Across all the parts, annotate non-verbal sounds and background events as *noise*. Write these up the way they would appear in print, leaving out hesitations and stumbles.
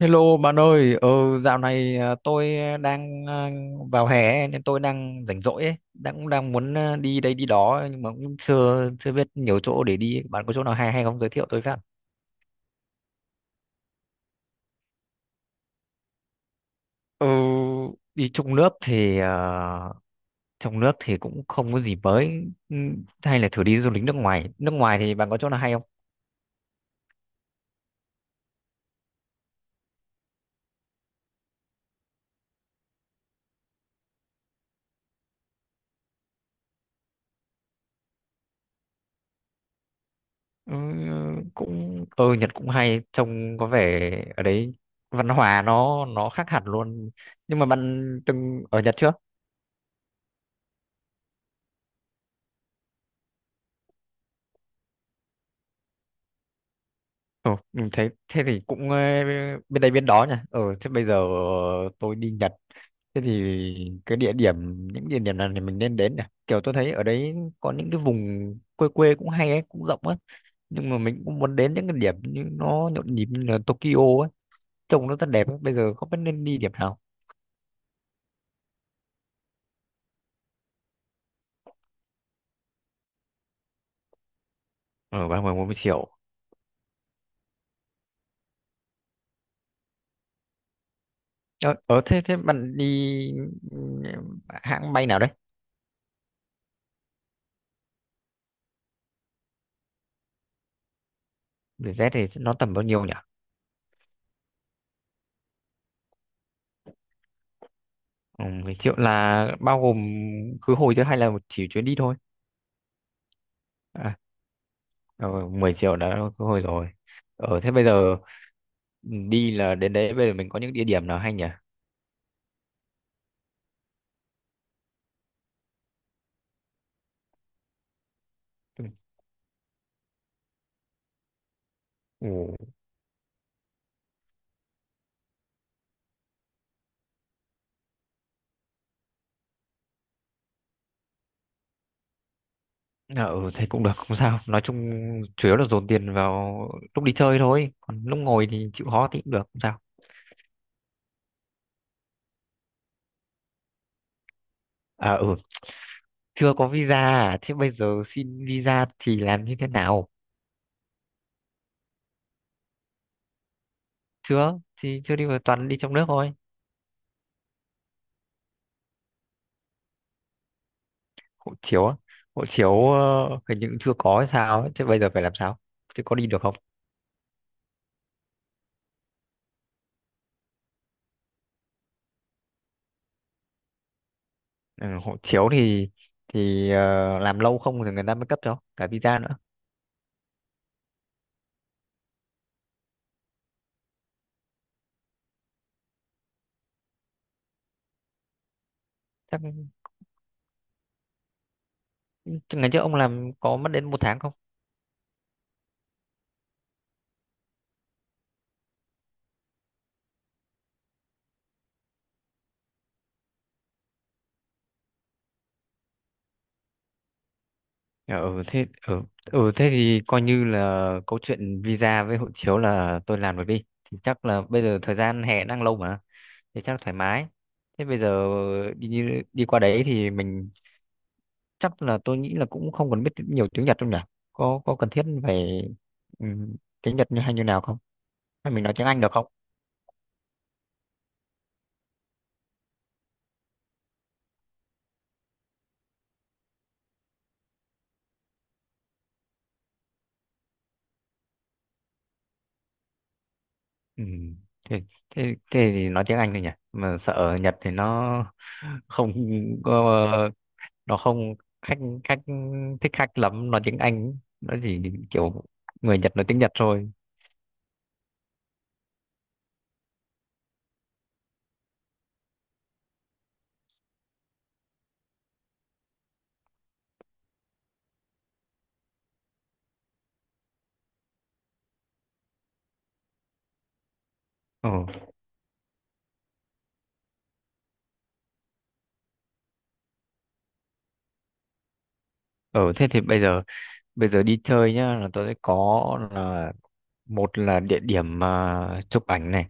Hello bạn ơi, tôi đang vào hè nên tôi đang rảnh rỗi ấy, cũng đang muốn đi đây đi đó, nhưng mà cũng chưa chưa biết nhiều chỗ để đi. Bạn có chỗ nào hay hay không, giới thiệu tôi với. Ừ, đi trong nước thì trong nước thì cũng không có gì mới. Ừ, hay là thử đi du lịch nước ngoài. Nước ngoài thì bạn có chỗ nào hay không? Ừ, cũng Nhật cũng hay, trông có vẻ ở đấy văn hóa nó khác hẳn luôn. Nhưng mà bạn từng ở Nhật chưa? Ồ, mình thấy thế thì cũng bên đây bên đó nha. Ờ thế bây giờ tôi đi Nhật. Thế thì cái địa điểm những địa điểm nào thì mình nên đến nhỉ? Kiểu tôi thấy ở đấy có những cái vùng quê quê cũng hay ấy, cũng rộng ấy. Nhưng mà mình cũng muốn đến những cái điểm như nó nhộn nhịp như là Tokyo ấy, trông nó rất đẹp ấy. Bây giờ không biết nên đi điểm nào. Ờ, 30 40 triệu. Ờ, ờ thế thế bạn đi ừ, hãng bay nào đấy? Vietjet thì nó tầm bao nhiêu nhỉ? Ừ, 10 triệu là bao gồm khứ hồi, chứ hay là chỉ chuyến đi thôi? À, ờ, 10 triệu đã khứ hồi rồi. Ờ, thế bây giờ ừ, đi là đến đấy bây giờ mình có những địa điểm nào hay nhỉ? Ừ, ừ, thế cũng được, không sao. Nói chung chủ yếu là dồn tiền vào lúc đi chơi thôi. Còn lúc ngồi thì chịu khó thì cũng được, không sao. À, ừ, chưa có visa à? Thế bây giờ xin visa thì làm như thế nào? Chưa, thì chưa đi, vào toàn đi trong nước thôi. Hộ chiếu á? Hộ chiếu hình như cũng chưa có hay sao ấy. Thế bây giờ phải làm sao, thế có đi được không? Ừ, hộ chiếu thì làm lâu không thì người ta mới cấp cho cả visa nữa? Chắc chắc ngày trước ông làm có mất đến một tháng không? Ừ thế ừ, ừ thế thì coi như là câu chuyện visa với hộ chiếu là tôi làm được đi, thì chắc là bây giờ thời gian hè đang lâu mà, thì chắc thoải mái. Thế bây giờ đi đi qua đấy thì mình chắc là tôi nghĩ là cũng không cần biết nhiều tiếng Nhật đâu nhỉ? Có cần thiết phải ừm, tiếng Nhật như hay như nào không, hay mình nói tiếng Anh được không? Ừ. Thế, thế, thế thì nói tiếng Anh thôi nhỉ, mà sợ ở Nhật thì nó *laughs* không có- nó không khách khách thích khách lắm nói tiếng Anh, nó chỉ kiểu người Nhật nói tiếng Nhật thôi. Ừ. ừ thế thì bây giờ đi chơi nhá, là tôi sẽ có là: một là địa điểm mà chụp ảnh này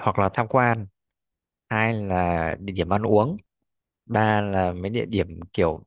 hoặc là tham quan, hai là địa điểm ăn uống, ba là mấy địa điểm kiểu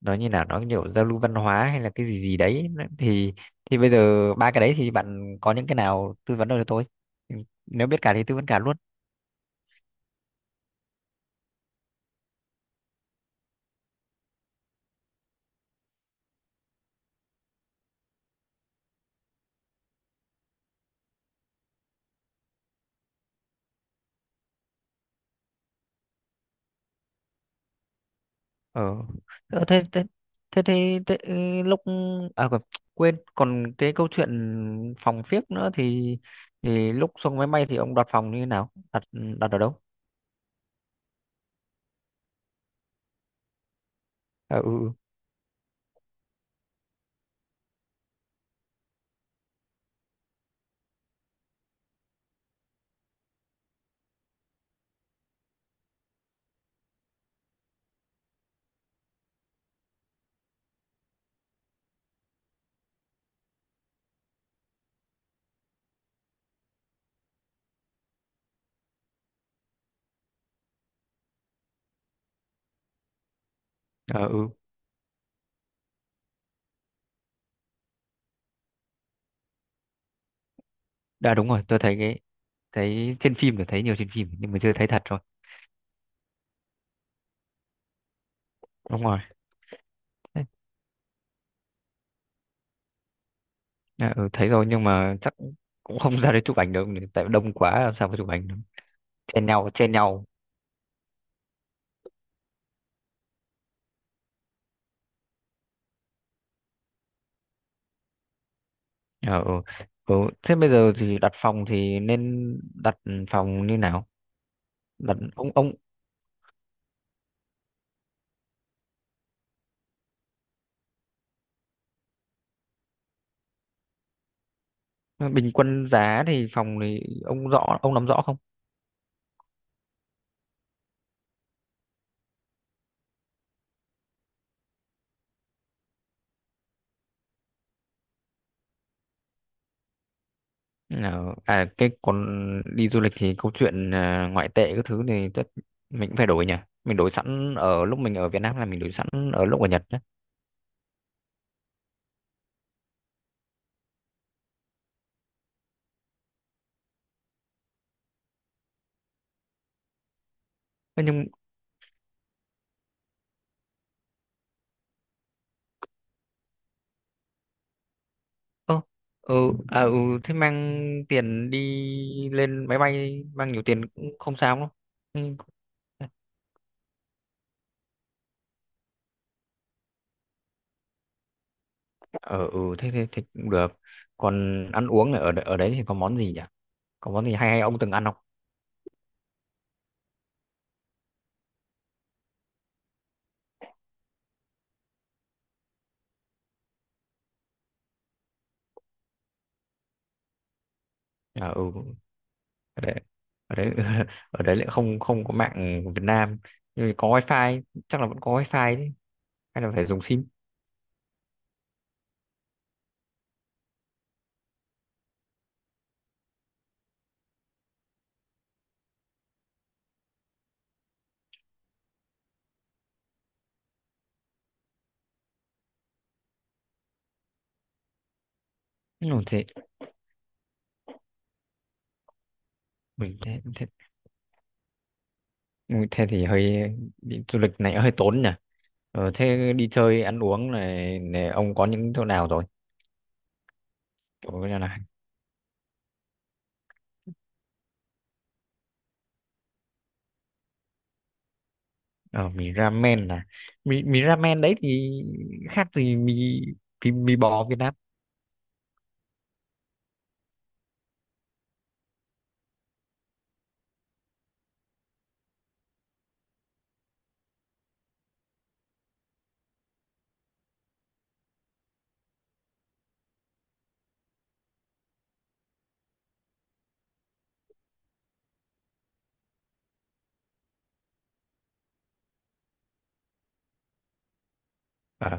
nói như nào nó kiểu giao lưu văn hóa hay là cái gì gì đấy. Thì bây giờ ba cái đấy thì bạn có những cái nào tư vấn được cho tôi? Ừ, nếu biết cả thì tư vấn cả luôn. Ờ. Ờ, thế thế thế thế, thế ừ, lúc à quên quên, còn cái câu chuyện phòng phiếc nữa, thì lúc xuống máy bay thì ông đặt phòng như thế nào, đặt đặt ở đâu? À, ừ, ừ, à, ừ. Đã đúng rồi, tôi thấy thấy trên phim thì thấy nhiều trên phim nhưng mà chưa thấy thật. Đúng rồi. Đấy, à, ừ, thấy rồi nhưng mà chắc cũng không ra đấy chụp ảnh được, tại đông quá làm sao mà chụp ảnh được, chen nhau chen nhau. Ờ, ừ. Ừ. Thế bây giờ thì đặt phòng thì nên đặt phòng như nào? Đặt ông ông bình quân giá thì phòng thì ông rõ ông nắm rõ không? Ờ, à, cái còn đi du lịch thì câu chuyện ngoại tệ các thứ thì mình cũng phải đổi nhỉ. Mình đổi sẵn ở lúc mình ở Việt Nam là mình đổi sẵn ở lúc ở Nhật nhé. Nhưng Ơ, ừ, à, ừ, thế mang tiền đi lên máy bay mang nhiều tiền cũng không sao đâu. Ừ. ờ, ừ thế, thế thế cũng được. Còn ăn uống ở ở đấy thì có món gì nhỉ? Có món gì hay hay ông từng ăn không? À, ừ, ở đấy ở đấy *laughs* ở đấy lại không không có mạng Việt Nam, nhưng mà có wifi, chắc là vẫn có wifi đấy, hay là phải dùng sim? Ừ, thế mình thế, thế Ừ, thế thì đi du lịch này hơi tốn nhỉ. Ờ, thế đi chơi ăn uống này, này ông có những chỗ nào rồi, chỗ như là... Ờ, mì ramen là mì mì ramen đấy thì khác gì mì, mì bò Việt Nam? Ờ,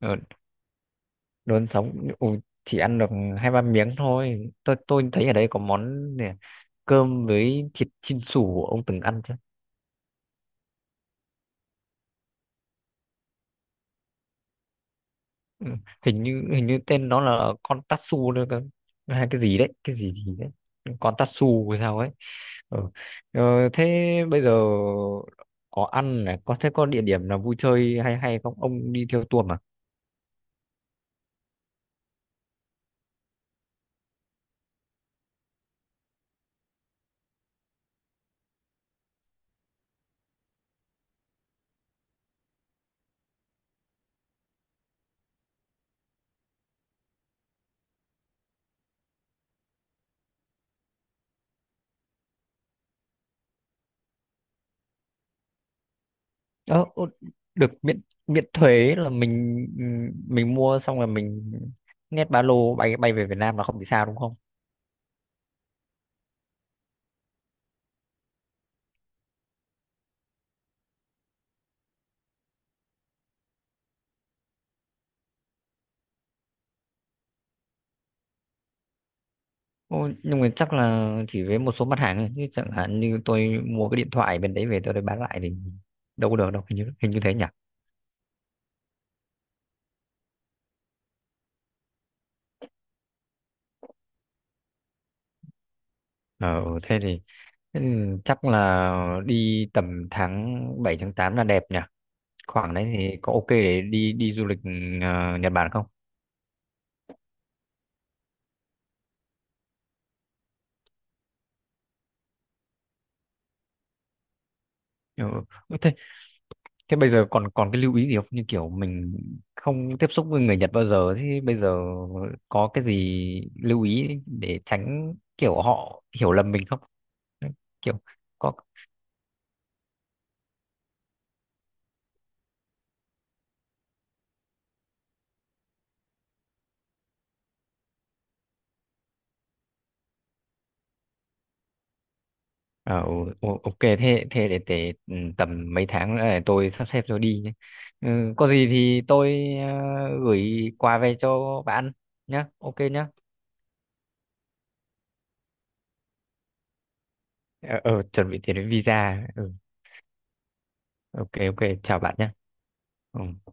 ờ, đồ ăn sống, ừ, chỉ ăn được hai ba miếng thôi, tôi thấy ở đây có món này, cơm với thịt chin sủ, ông từng ăn chưa? Ừ, hình như tên nó là con tatsu nữa cơ, hay cái gì đấy cái gì gì đấy, con tatsu hay sao ấy. Ừ. Ờ, thế bây giờ có ăn này, có thế có địa điểm nào vui chơi hay hay không? Ông đi theo tour mà. Ờ, ô, được miễn miễn thuế là mình mua xong là mình nhét ba lô bay bay về Việt Nam là không bị sao đúng không? Ô, nhưng mà chắc là chỉ với một số mặt hàng thôi, chứ chẳng hạn như tôi mua cái điện thoại bên đấy về tôi bán lại thì đâu có được đâu, hình như thế nhỉ? Ờ, ừ, thế thì chắc là đi tầm tháng 7 tháng 8 là đẹp nhỉ? Khoảng đấy thì có ok để đi đi du lịch Nhật Bản không? Ừ. Thế, thế bây giờ còn còn cái lưu ý gì không? Như kiểu mình không tiếp xúc với người Nhật bao giờ, thì bây giờ có cái gì lưu ý để tránh kiểu họ hiểu lầm mình không? Kiểu có... Ờ, ừ, ừ, ok, thế thế để, ừ, tầm mấy tháng nữa để tôi sắp xếp rồi đi nhé. Ừ, có gì thì tôi gửi quà về cho bạn nhé. Ok nhé. Ờ, ờ, chuẩn bị tiền đến visa. Ừ. Ok, ok, chào bạn nhé. Ừ.